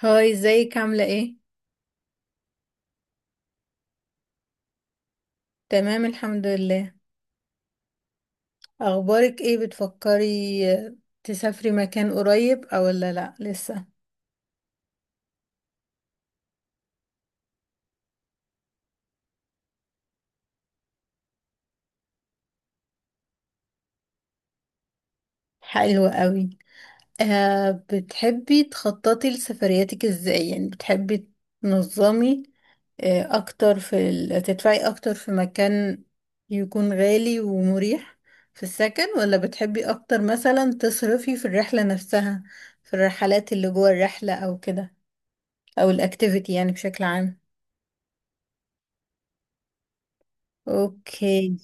هاي، ازيك؟ عاملة ايه؟ تمام، الحمد لله. اخبارك ايه؟ بتفكري آه، تسافري مكان قريب او ولا لا لسه؟ حلو قوي. بتحبي تخططي لسفرياتك ازاي؟ يعني بتحبي تنظمي اكتر في ال... تدفعي اكتر في مكان يكون غالي ومريح في السكن، ولا بتحبي اكتر مثلا تصرفي في الرحلة نفسها، في الرحلات اللي جوه الرحلة او كده، او الاكتيفيتي، يعني بشكل عام؟ اوكي.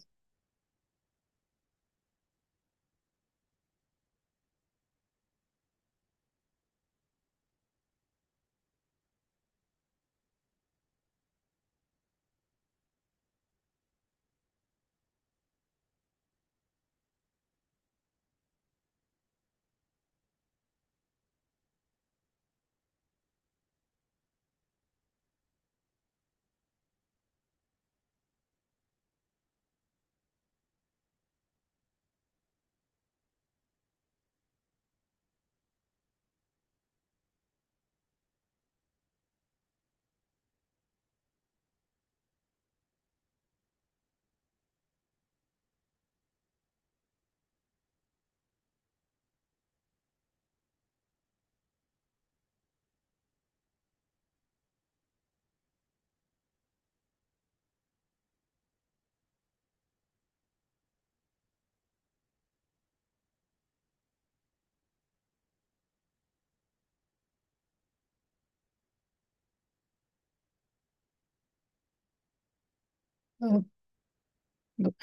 أوك-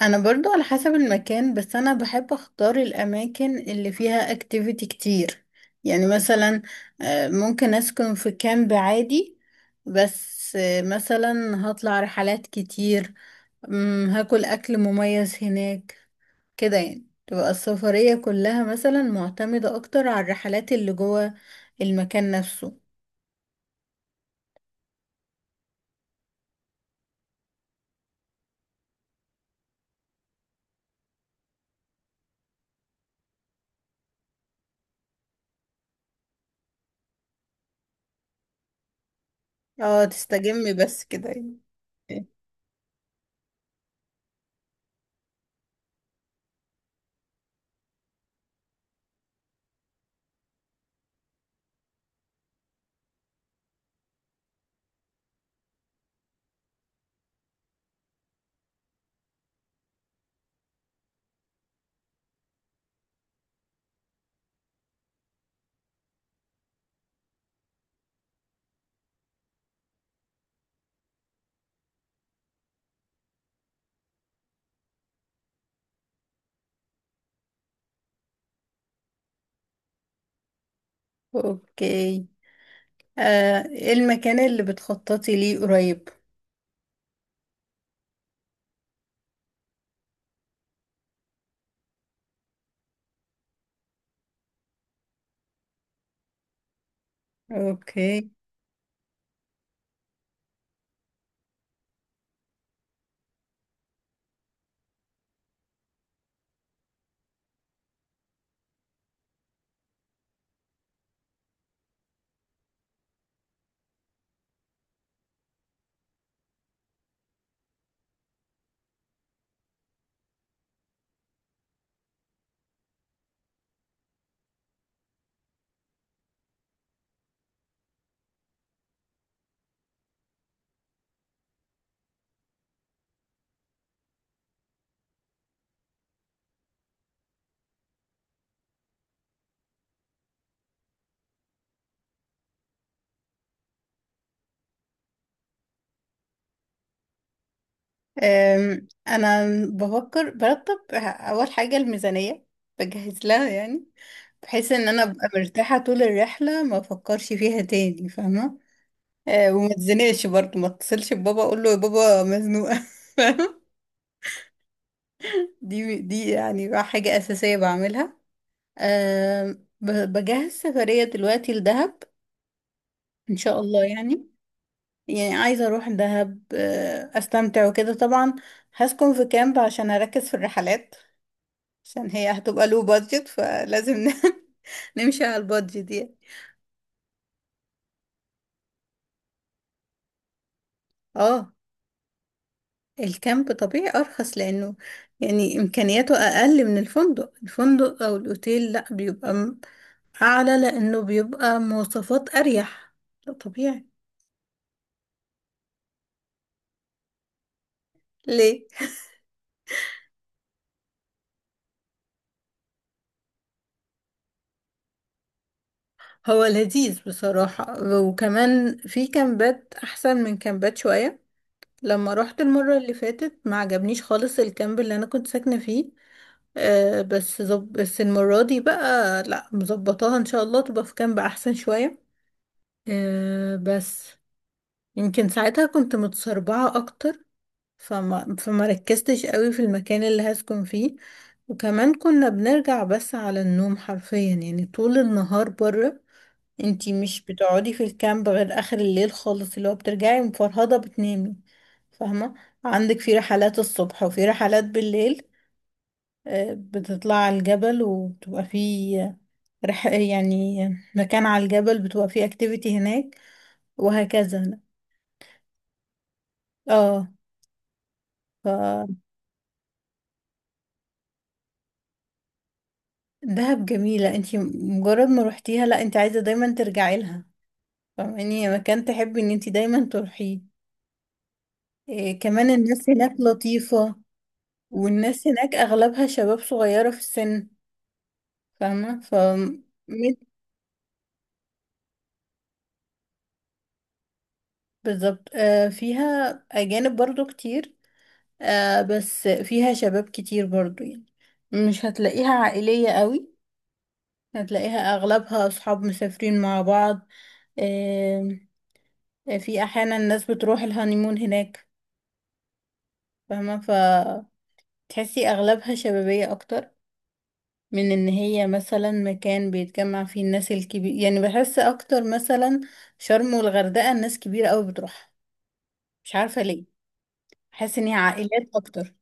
انا برضو على حسب المكان، بس انا بحب اختار الاماكن اللي فيها اكتيفيتي كتير. يعني مثلا ممكن اسكن في كامب عادي، بس مثلا هطلع رحلات كتير، هاكل اكل مميز هناك. كده يعني تبقى السفرية كلها مثلا معتمدة اكتر على الرحلات اللي جوه المكان نفسه. اه، تستجمي بس كده يعني. اوكي. إيه المكان اللي بتخططي ليه قريب؟ اوكي. انا بفكر برتب اول حاجة الميزانية، بجهز لها يعني، بحيث ان انا ابقى مرتاحة طول الرحلة ما افكرش فيها تاني، فاهمة؟ وما اتزنقش برضه، ما اتصلش ببابا اقول له يا بابا مزنوقة فاهمة؟ دي يعني حاجة اساسية بعملها. بجهز سفرية دلوقتي لدهب ان شاء الله يعني. عايزة اروح دهب استمتع وكده طبعا. هسكن في كامب عشان اركز في الرحلات، عشان هي هتبقى لو بادجت فلازم نمشي على البادجت يعني. اه، الكامب طبيعي ارخص لانه يعني امكانياته اقل من الفندق او الاوتيل لا بيبقى اعلى لانه بيبقى مواصفات اريح، ده طبيعي. ليه؟ هو لذيذ بصراحة، وكمان في كامبات احسن من كامبات شوية. لما روحت المرة اللي فاتت ما عجبنيش خالص الكامب اللي انا كنت ساكنة فيه. بس المرة دي بقى لا مظبطاها ان شاء الله تبقى في كامب احسن شوية. آه بس يمكن ساعتها كنت متسربعة اكتر فما ركزتش قوي في المكان اللي هسكن فيه. وكمان كنا بنرجع بس على النوم حرفيا، يعني طول النهار بره. انتي مش بتقعدي في الكامب غير اخر الليل خالص، اللي هو بترجعي مفرهدة بتنامي، فاهمة؟ عندك في رحلات الصبح وفي رحلات بالليل، بتطلع على الجبل وبتبقى في يعني مكان على الجبل بتبقى فيه اكتيفيتي هناك، وهكذا. اه. ف دهب جميلة، انتي مجرد ما روحتيها لا انتي عايزة دايما ترجعي لها، فاهماني؟ هي مكان تحبي ان انتي دايما تروحيه. إيه كمان، الناس هناك لطيفة. والناس هناك اغلبها شباب صغيرة في السن، فاهمة؟ مت- بالظبط. فيها اجانب برضو كتير، بس فيها شباب كتير برضو، يعني مش هتلاقيها عائلية قوي، هتلاقيها اغلبها اصحاب مسافرين مع بعض. آه في احيانا الناس بتروح الهانيمون هناك، فاهمة؟ فتحسي اغلبها شبابية اكتر من ان هي مثلا مكان بيتجمع فيه الناس الكبير. يعني بحس اكتر مثلا شرم والغردقة الناس كبيرة قوي بتروحها، مش عارفة ليه. بحس ان هي عائلات اكتر.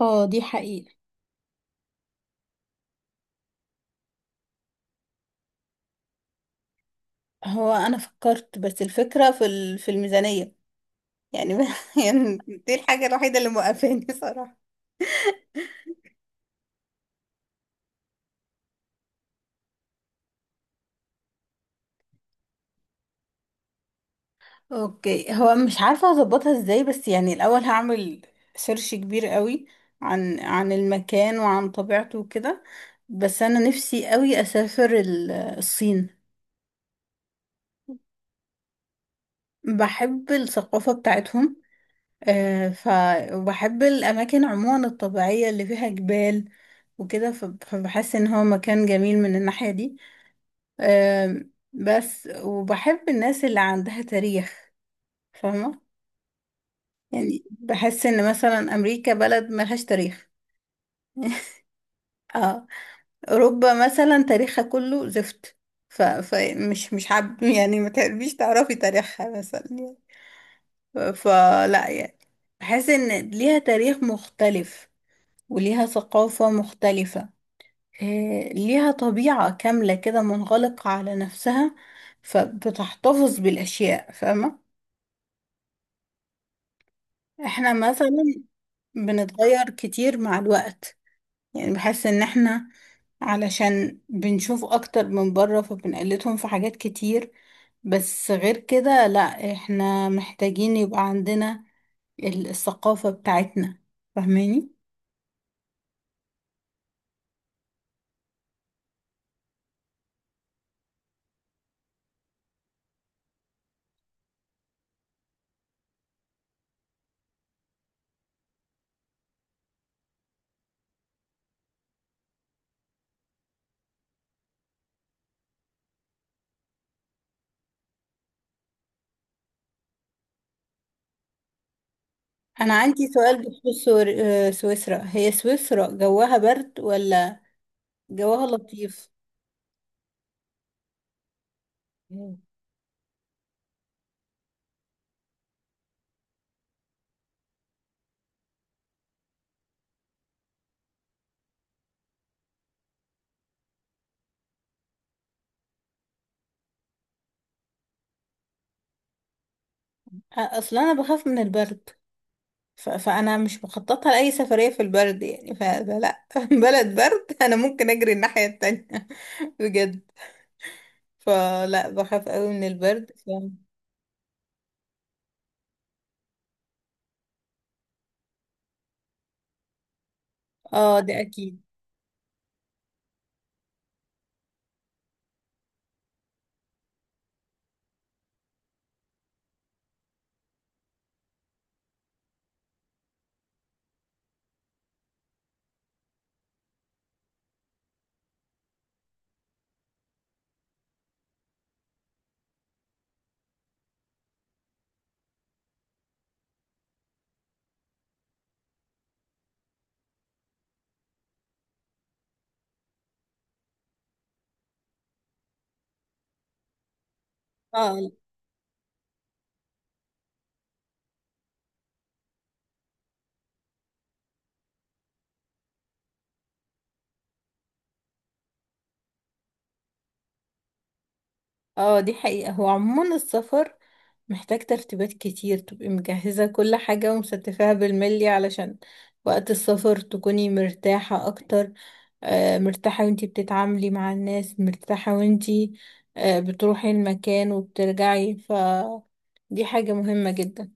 اه، دي حقيقة. هو انا فكرت، بس الفكرة في في الميزانية يعني يعني. دي الحاجة الوحيدة اللي موقفاني صراحة. اوكي، هو مش عارفة اظبطها ازاي، بس يعني الاول هعمل سيرش كبير قوي عن المكان وعن طبيعته وكده. بس انا نفسي قوي اسافر الصين. بحب الثقافة بتاعتهم، آه، ف وبحب الأماكن عموما الطبيعية اللي فيها جبال وكده، فبحس إن هو مكان جميل من الناحية دي. بس وبحب الناس اللي عندها تاريخ، فاهمة؟ يعني بحس إن مثلا أمريكا بلد ملهاش تاريخ اه. أوروبا مثلا تاريخها كله زفت، فمش مش حب يعني ما تقربيش تعرفي تاريخها مثلا، فلا يعني. بحس ان ليها تاريخ مختلف، وليها ثقافة مختلفة، إيه، ليها طبيعة كاملة كده منغلقة على نفسها، فبتحتفظ بالأشياء، فاهمة؟ احنا مثلا بنتغير كتير مع الوقت. يعني بحس ان احنا علشان بنشوف اكتر من بره فبنقلدهم في حاجات كتير، بس غير كده لا. احنا محتاجين يبقى عندنا الثقافة بتاعتنا، فاهماني؟ انا عندي سؤال بخصوص سويسرا. هي سويسرا جواها برد ولا جواها لطيف؟ مم. اصلا انا بخاف من البرد، فانا مش مخططه لاي سفريه في البرد يعني، فلا بلد برد انا ممكن اجري الناحيه التانية بجد. فلا، بخاف قوي من البرد ف... اه، ده اكيد. اه، اه، دي حقيقة. هو عموما السفر محتاج ترتيبات كتير تبقي مجهزة كل حاجة ومستفاها بالملي، علشان وقت السفر تكوني مرتاحة أكتر، مرتاحة وانتي بتتعاملي مع الناس، مرتاحة وانتي بتروحي المكان وبترجعي. ف دي حاجة مهمة جدا.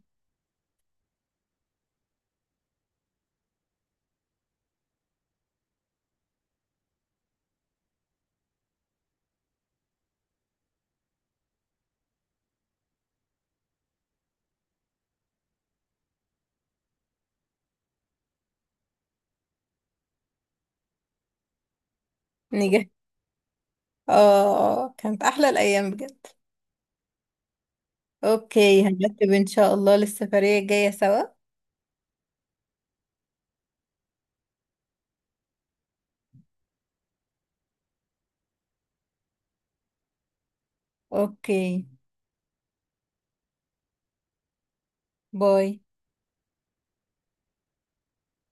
نجح اه. كانت أحلى الأيام بجد. اوكي، هنرتب ان شاء الله للسفرية الجاية سوا. اوكي، باي.